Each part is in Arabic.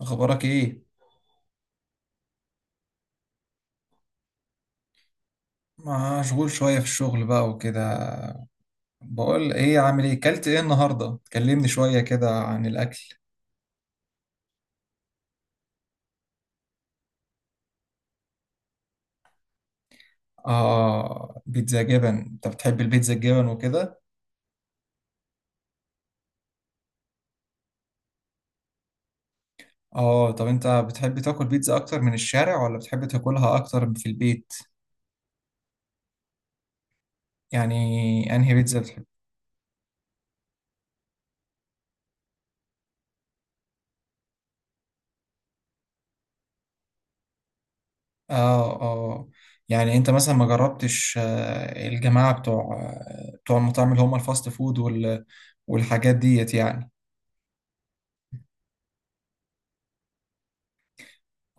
اخبارك ايه؟ مشغول شويه في الشغل بقى وكده. بقول ايه، عامل ايه، كلت ايه النهارده؟ كلمني شويه كده عن الاكل. اه، بيتزا جبن؟ انت بتحب البيتزا الجبن وكده؟ اه طب انت بتحب تاكل بيتزا اكتر من الشارع ولا بتحب تاكلها اكتر في البيت؟ يعني انهي بيتزا بتحب؟ اه، اه. يعني انت مثلا ما جربتش الجماعه بتوع بتوع المطاعم اللي هم الفاست فود والحاجات ديت يعني؟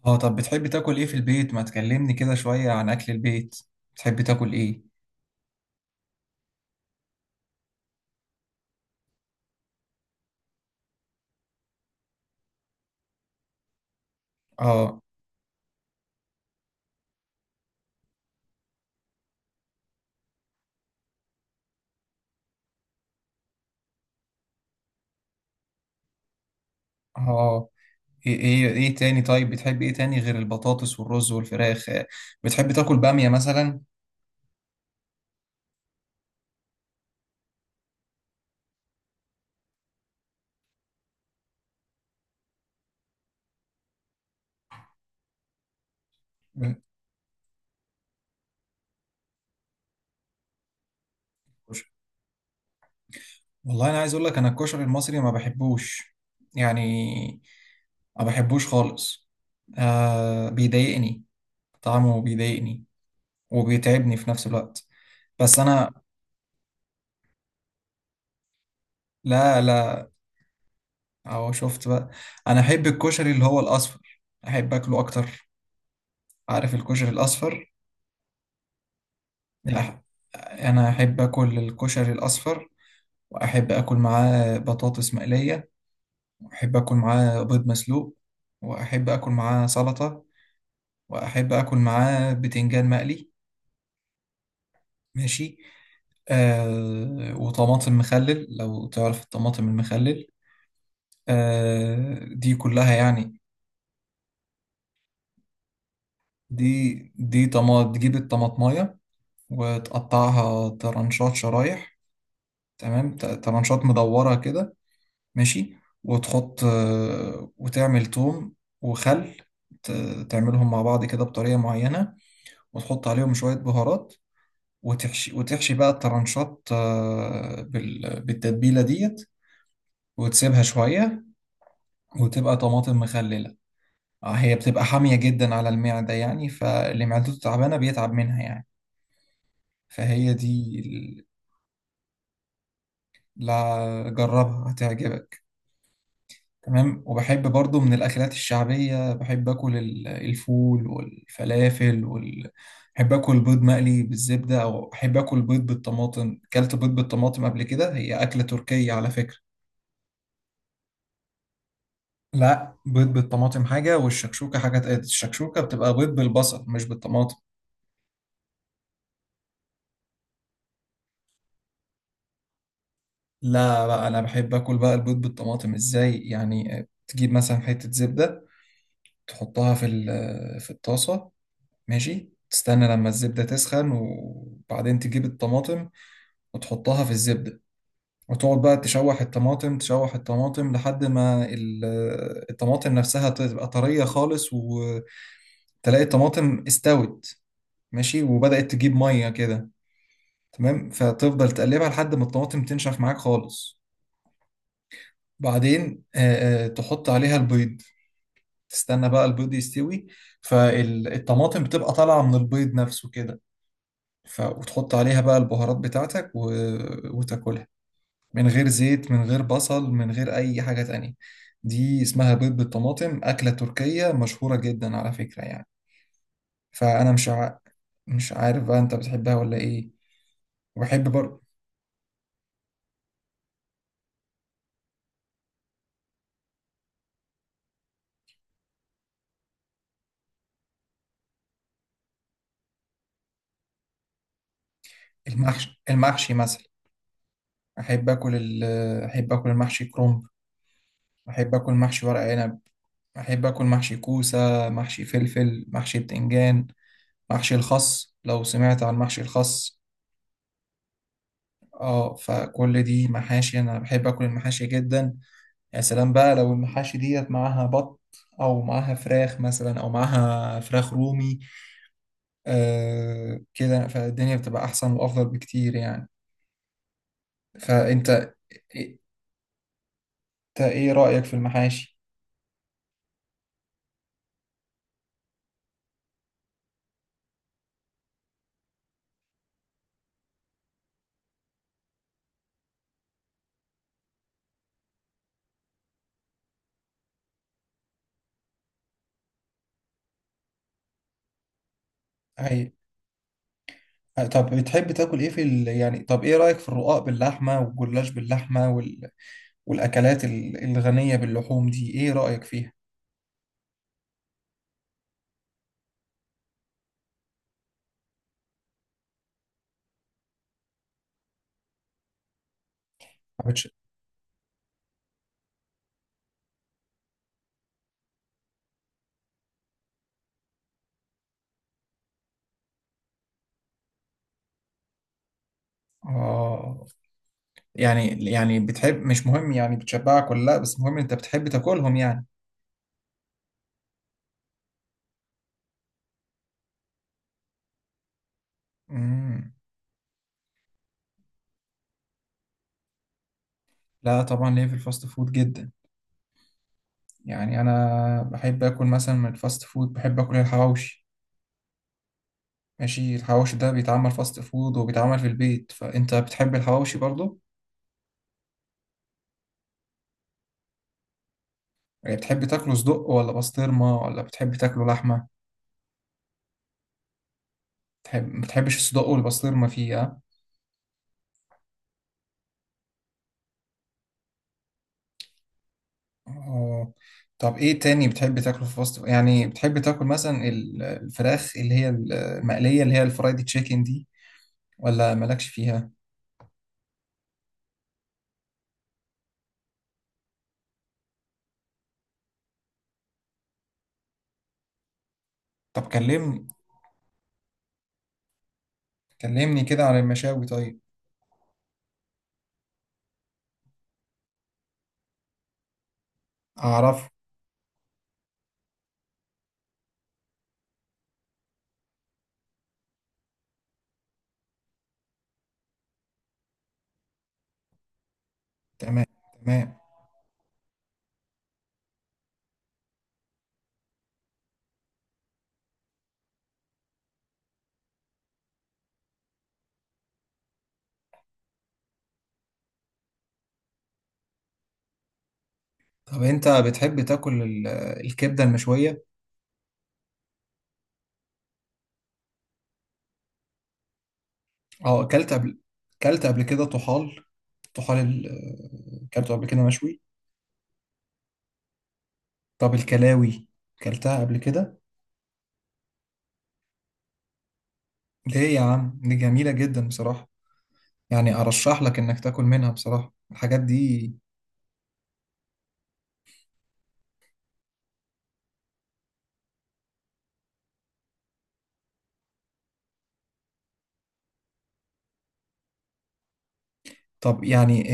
اه طب بتحب تاكل ايه في البيت؟ ما تكلمني كده شوية عن اكل البيت. بتحب تاكل ايه؟ اه، اه. ايه تاني؟ طيب بتحب ايه تاني غير البطاطس والرز والفراخ؟ بتحب تاكل بامية مثلا؟ م. والله انا عايز اقول لك، انا الكشري المصري ما بحبوش، يعني ما بحبوش خالص. آه بيضايقني، طعمه بيضايقني وبيتعبني في نفس الوقت. بس انا. لا، لا. اهو شفت بقى، انا احب الكشري اللي هو الاصفر، احب اكله اكتر. عارف الكشري الاصفر؟ لا، انا احب اكل الكشري الاصفر، واحب اكل معاه بطاطس مقليه، واحب اكل معاه بيض مسلوق، واحب اكل معاه سلطه، واحب اكل معاه بتنجان مقلي، ماشي، آه وطماطم مخلل لو تعرف الطماطم المخلل، آه دي كلها يعني. دي دي طماط، تجيب الطماطمايه وتقطعها ترانشات شرايح، تمام، ترانشات مدورة كده، ماشي، وتحط وتعمل توم وخل، تعملهم مع بعض كده بطريقة معينة، وتحط عليهم شوية بهارات، وتحشي وتحشي بقى الترانشات بالتتبيلة ديت، وتسيبها شوية، وتبقى طماطم مخللة. هي بتبقى حامية جدا على المعدة يعني، فاللي معدته تعبانة بيتعب منها يعني. فهي دي ال- لا جربها هتعجبك. تمام. وبحب برضو من الأكلات الشعبية، بحب أكل الفول والفلافل بحب أكل بيض مقلي بالزبدة، أو أحب أكل بيض بالطماطم. أكلت بيض بالطماطم قبل كده؟ هي أكلة تركية على فكرة. لا، بيض بالطماطم حاجة والشكشوكة حاجة تقل. الشكشوكة بتبقى بيض بالبصل مش بالطماطم. لا بقى، أنا بحب أكل بقى البيض بالطماطم إزاي يعني، تجيب مثلا حتة زبدة، تحطها في الطاسة، ماشي، تستنى لما الزبدة تسخن وبعدين تجيب الطماطم وتحطها في الزبدة، وتقعد بقى تشوح الطماطم تشوح الطماطم لحد ما الطماطم نفسها تبقى طرية خالص، وتلاقي الطماطم استوت، ماشي، وبدأت تجيب مية كده، تمام، فتفضل تقلبها لحد ما الطماطم تنشف معاك خالص، بعدين تحط عليها البيض، تستنى بقى البيض يستوي، فالطماطم بتبقى طالعة من البيض نفسه كده، وتحط عليها بقى البهارات بتاعتك وتاكلها من غير زيت من غير بصل من غير أي حاجة تانية. دي اسمها بيض بالطماطم، أكلة تركية مشهورة جدا على فكرة يعني. فأنا مش ع... مش عارف بقى أنت بتحبها ولا إيه. وبحب برضه. المحشي، المحشي مثلا. أحب آكل ال... أحب آكل المحشي كرنب، أحب آكل محشي ورق عنب، أحب آكل محشي كوسة، محشي فلفل، محشي بتنجان، محشي الخس، لو سمعت عن محشي الخس. اه فكل دي محاشي، أنا بحب آكل المحاشي جدا. يا سلام بقى لو المحاشي ديت معاها بط، او معاها فراخ مثلا، او معاها فراخ رومي، آه كده فالدنيا بتبقى احسن وافضل بكتير يعني. فانت، إيه، انت ايه رايك في المحاشي؟ هي طب بتحب تاكل ايه يعني طب ايه رايك في الرقاق باللحمه والجلاش باللحمه والاكلات الغنيه باللحوم دي ايه رايك فيها؟ ما بتش... اه يعني، يعني بتحب مش مهم يعني بتشبعك ولا لا، بس مهم انت بتحب تاكلهم يعني؟ مم. لا طبعا ليا في الفاست فود جدا. يعني انا بحب اكل مثلا من الفاست فود، بحب اكل الحواوشي. ماشي. الحواوشي ده بيتعمل فاست فود وبيتعمل في البيت، فانت بتحب الحواوشي برضو؟ يعني بتحب تاكله صدق ولا بسطرمه ولا بتحب تاكله لحمه؟ بتحب ما بتحبش الصدق والبسطرمه فيه ها؟ اه طب ايه تاني بتحب تاكله في فاست فود؟ يعني بتحب تاكل مثلا الفراخ اللي هي المقليه اللي هي الفرايد تشيكن دي ولا مالكش فيها؟ طب كلمني، كلمني كده عن المشاوي طيب. اعرف. تمام، تمام. طب انت بتحب تاكل الكبده المشويه؟ اه، اكلت قبل كده طحال، طحال اكلته قبل كده مشوي. طب الكلاوي اكلتها قبل كده؟ ليه يا عم، دي جميله جدا بصراحه، يعني ارشح لك انك تاكل منها بصراحه الحاجات دي. طب يعني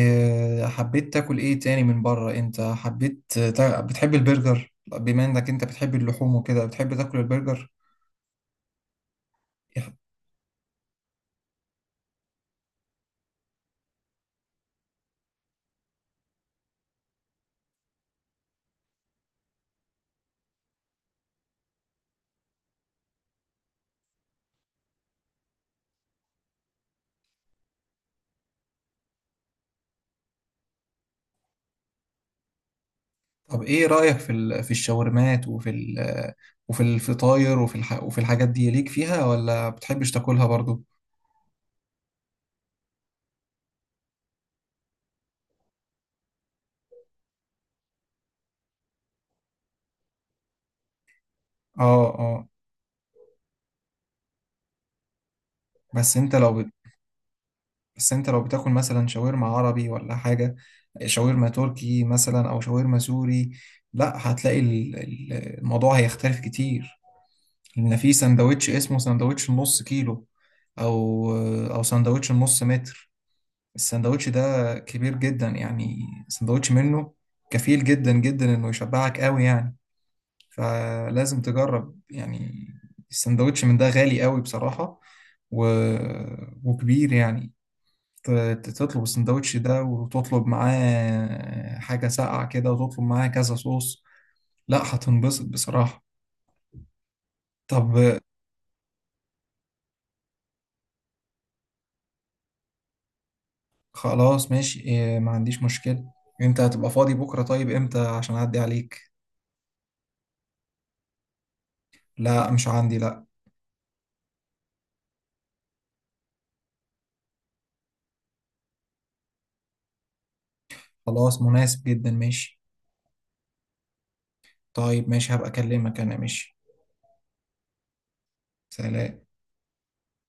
حبيت تاكل ايه تاني من بره؟ انت بتحب البرجر؟ بما انك انت بتحب اللحوم وكده بتحب تاكل البرجر؟ طب ايه رأيك في الشاورمات وفي الفطاير وفي الحاجات دي؟ ليك فيها ولا بتحبش تاكلها برضو؟ اه، اه. بس انت لو بت... بس انت لو بتاكل مثلا شاورما عربي ولا حاجة، شاورما تركي مثلا او شاورما سوري، لا هتلاقي الموضوع هيختلف كتير، لان في سندوتش اسمه سندوتش النص كيلو، او او سندوتش النص متر. السندوتش ده كبير جدا، يعني سندوتش منه كفيل جدا جدا انه يشبعك قوي يعني، فلازم تجرب يعني. السندوتش من ده غالي قوي بصراحة، و... وكبير يعني، تطلب السندوتش ده وتطلب معاه حاجة ساقعة كده وتطلب معاه كذا صوص، لا هتنبسط بصراحة. طب. خلاص ماشي، ما عنديش مشكلة. انت هتبقى فاضي بكرة؟ طيب امتى عشان اعدي عليك؟ لا مش عندي، لا. خلاص مناسب جدا، ماشي. طيب ماشي هبقى أكلمك، أنا ماشي. سلام.